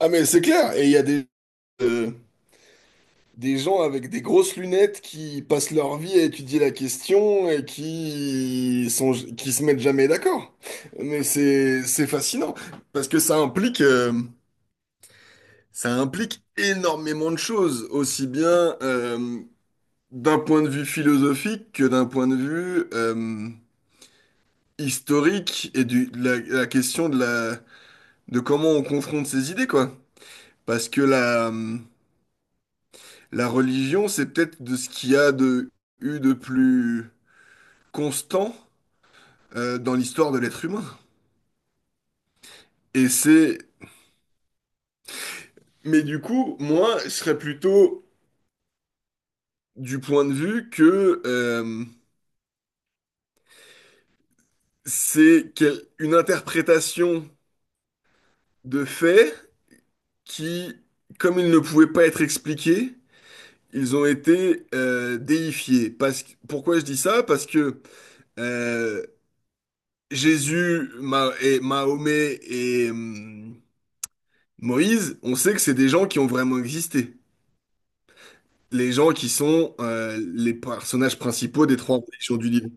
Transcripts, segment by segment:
Ah mais c'est clair, et il y a euh, des gens avec des grosses lunettes qui passent leur vie à étudier la question et qui se mettent jamais d'accord. Mais c'est fascinant parce que ça implique énormément de choses, aussi bien d'un point de vue philosophique que d'un point de vue historique et la question de la de comment on confronte ces idées quoi. Parce que la La religion, c'est peut-être de ce qu'il y a eu de plus constant dans l'histoire de l'être humain. Et c'est... Mais du coup, moi, je serais plutôt du point de vue que une interprétation de faits qui, comme ils ne pouvaient pas être expliqués, ils ont été déifiés. Pourquoi je dis ça? Parce que euh, Jésus, et Mahomet et... Moïse, on sait que c'est des gens qui ont vraiment existé. Les gens qui sont les personnages principaux des trois religions du livre.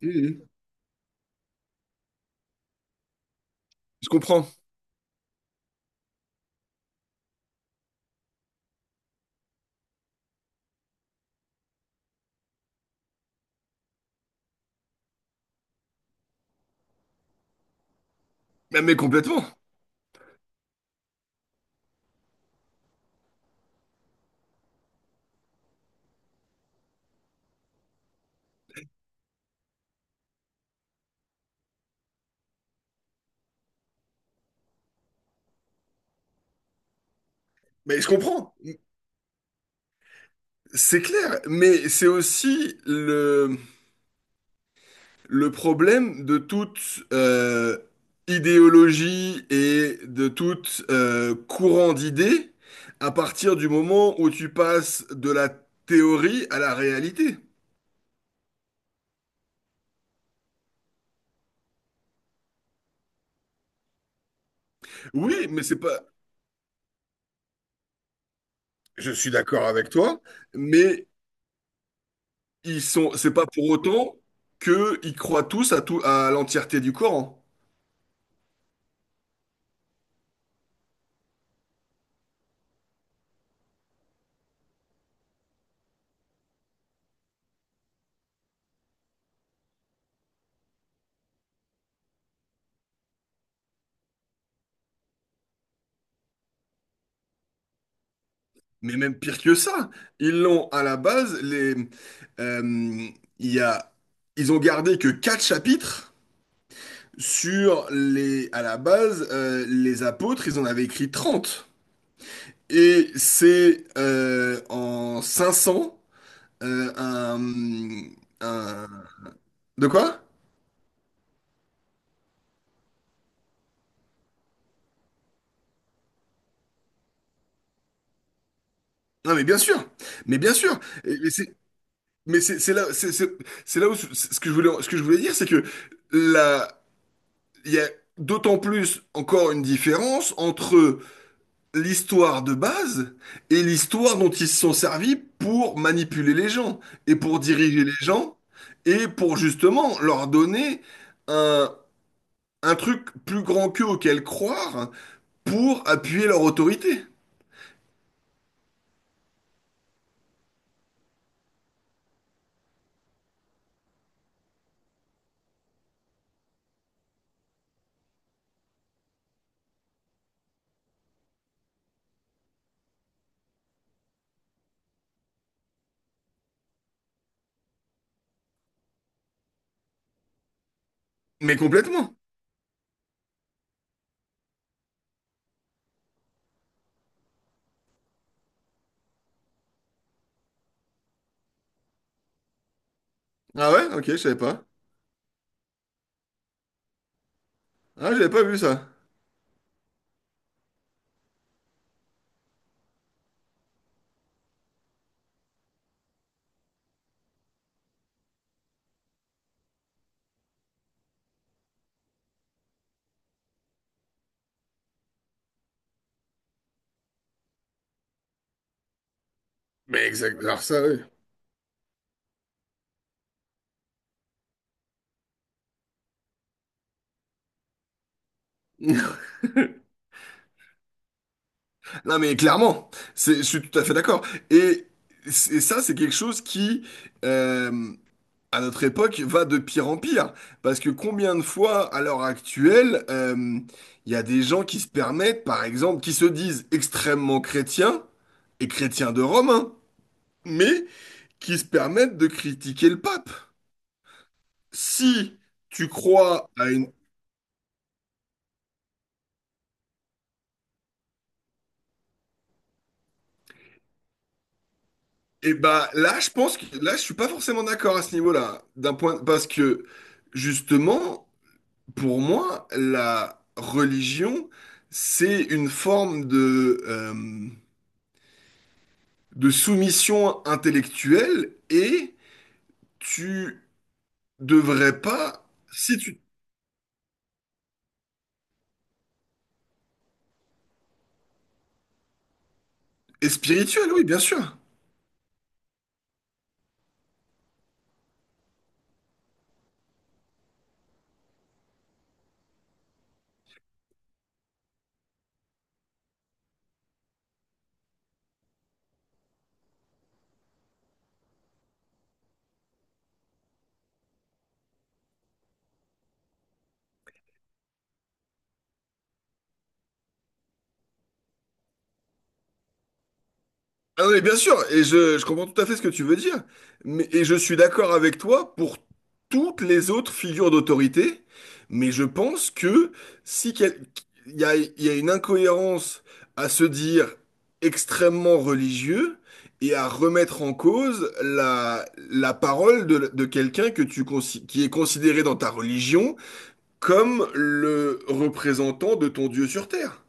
Mhm. Je comprends. Mais complètement. Mais je comprends. C'est clair. Mais c'est aussi le problème de toute euh, idéologie et de tout courant d'idées à partir du moment où tu passes de la théorie à la réalité. Oui, mais c'est pas... Je suis d'accord avec toi. Mais ils sont, c'est pas pour autant qu'ils croient tous à tout, à l'entièreté du Coran. Mais même pire que ça, ils l'ont à la base, euh, il y a, ils ont gardé que quatre chapitres sur les, à la base, les apôtres, ils en avaient écrit trente. Et c'est en 500, euh, un, un- de quoi? Non mais bien sûr, mais bien sûr. Et- mais c'est- Mais c'est là, c'est là où ce ce que je voulais, ce que je voulais dire, c'est que là, il y a d'autant plus encore une différence entre l'histoire de base et l'histoire dont ils se sont servis pour manipuler les gens et pour diriger les gens et pour justement leur donner un, un truc plus grand qu'eux auquel croire pour appuyer leur autorité. Mais complètement. Ah ouais? Ok, je savais pas. Ah, j'avais pas vu ça. Mais exact. Alors ça, oui. Non mais clairement, je suis tout à fait d'accord. Et, et ça, c'est quelque chose qui, euh, à notre époque, va de pire en pire. Parce que combien de fois, à l'heure actuelle, il y a des gens qui se permettent, par exemple, qui se disent extrêmement chrétiens et chrétiens de Rome, hein, mais qui se permettent de critiquer le pape. Si tu crois à une... Eh ben là, je pense que là, je suis pas forcément d'accord à ce niveau-là, d'un point, parce que justement. Pour moi, la religion, c'est une forme de soumission intellectuelle et tu devrais pas, si tu es spirituel, oui, bien sûr. Ah non, mais bien sûr, et je comprends tout à fait ce que tu veux dire, mais, et je suis d'accord avec toi pour toutes les autres figures d'autorité, mais je pense que si quel- il y a une incohérence à se dire extrêmement religieux et à remettre en cause la parole de quelqu'un que qui est considéré dans ta religion comme le représentant de ton Dieu sur terre.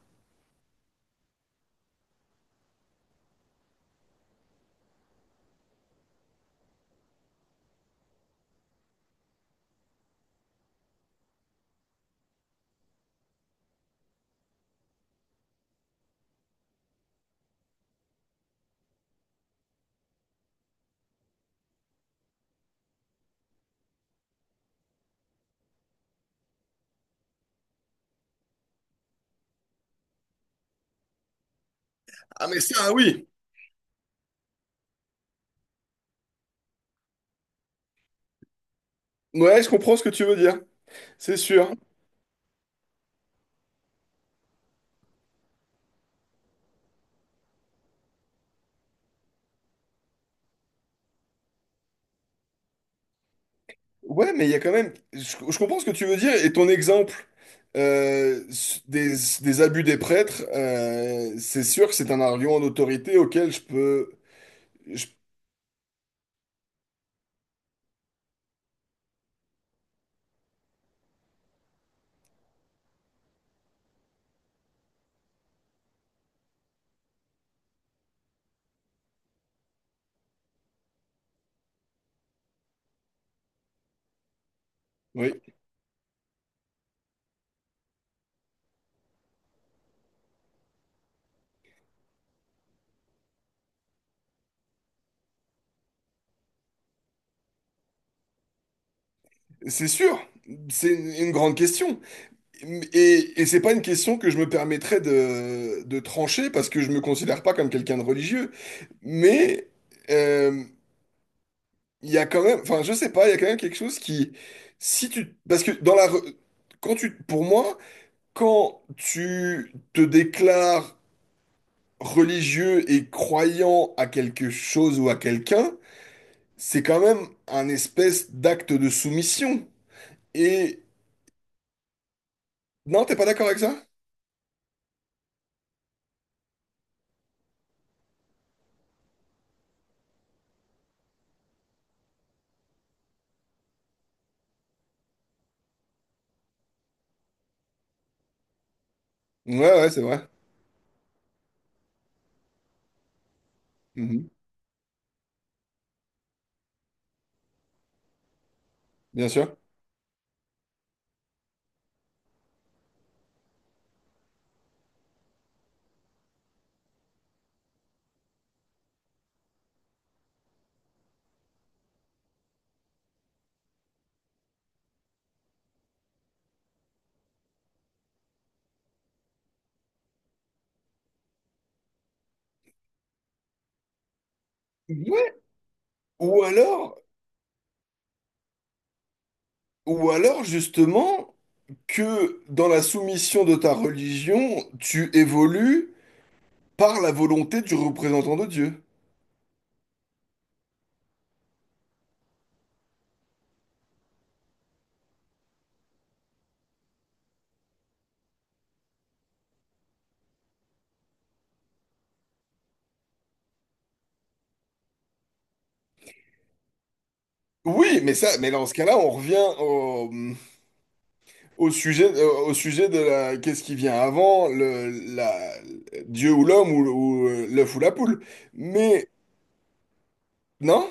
Ah mais ça, oui. Ouais, je comprends ce que tu veux dire, c'est sûr. Ouais, mais il y a quand même. Je comprends ce que tu veux dire et ton exemple euh, s- des, des abus des prêtres, c'est sûr que c'est un argument d'autorité auquel je peux. je- oui, c'est sûr. C'est une grande question. Et c'est pas une question que je me permettrais de trancher parce que je me considère pas comme quelqu'un de religieux. Mais euh, il y a quand même. Enfin, je sais pas, il y a quand même quelque chose qui. Si tu. Parce que dans la. Re- Quand tu, pour moi. Quand tu te déclares religieux et croyant à quelque chose ou à quelqu'un, c'est quand même un espèce d'acte de soumission. Et non, t'es pas d'accord avec ça? Ouais, ouais, c'est vrai. Mhm. Bien sûr. Ouais. Ou alors, ou alors justement que dans la soumission de ta religion, tu évolues par la volonté du représentant de Dieu. Oui, mais ça, mais dans ce cas-là, on revient au sujet, au sujet de la, qu'est-ce qui vient avant, la, Dieu ou l'homme ou l'œuf ou la poule. Mais non,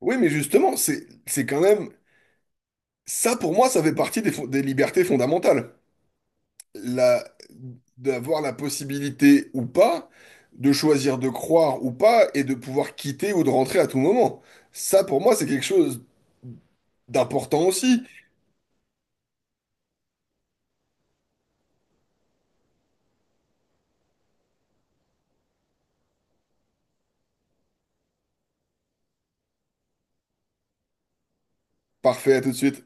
oui, mais justement, c'est quand même ça pour moi, ça fait partie des libertés fondamentales. La, d'avoir la possibilité ou pas de choisir de croire ou pas et de pouvoir quitter ou de rentrer à tout moment. Ça pour moi, c'est quelque chose d'important aussi. Parfait, à tout de suite.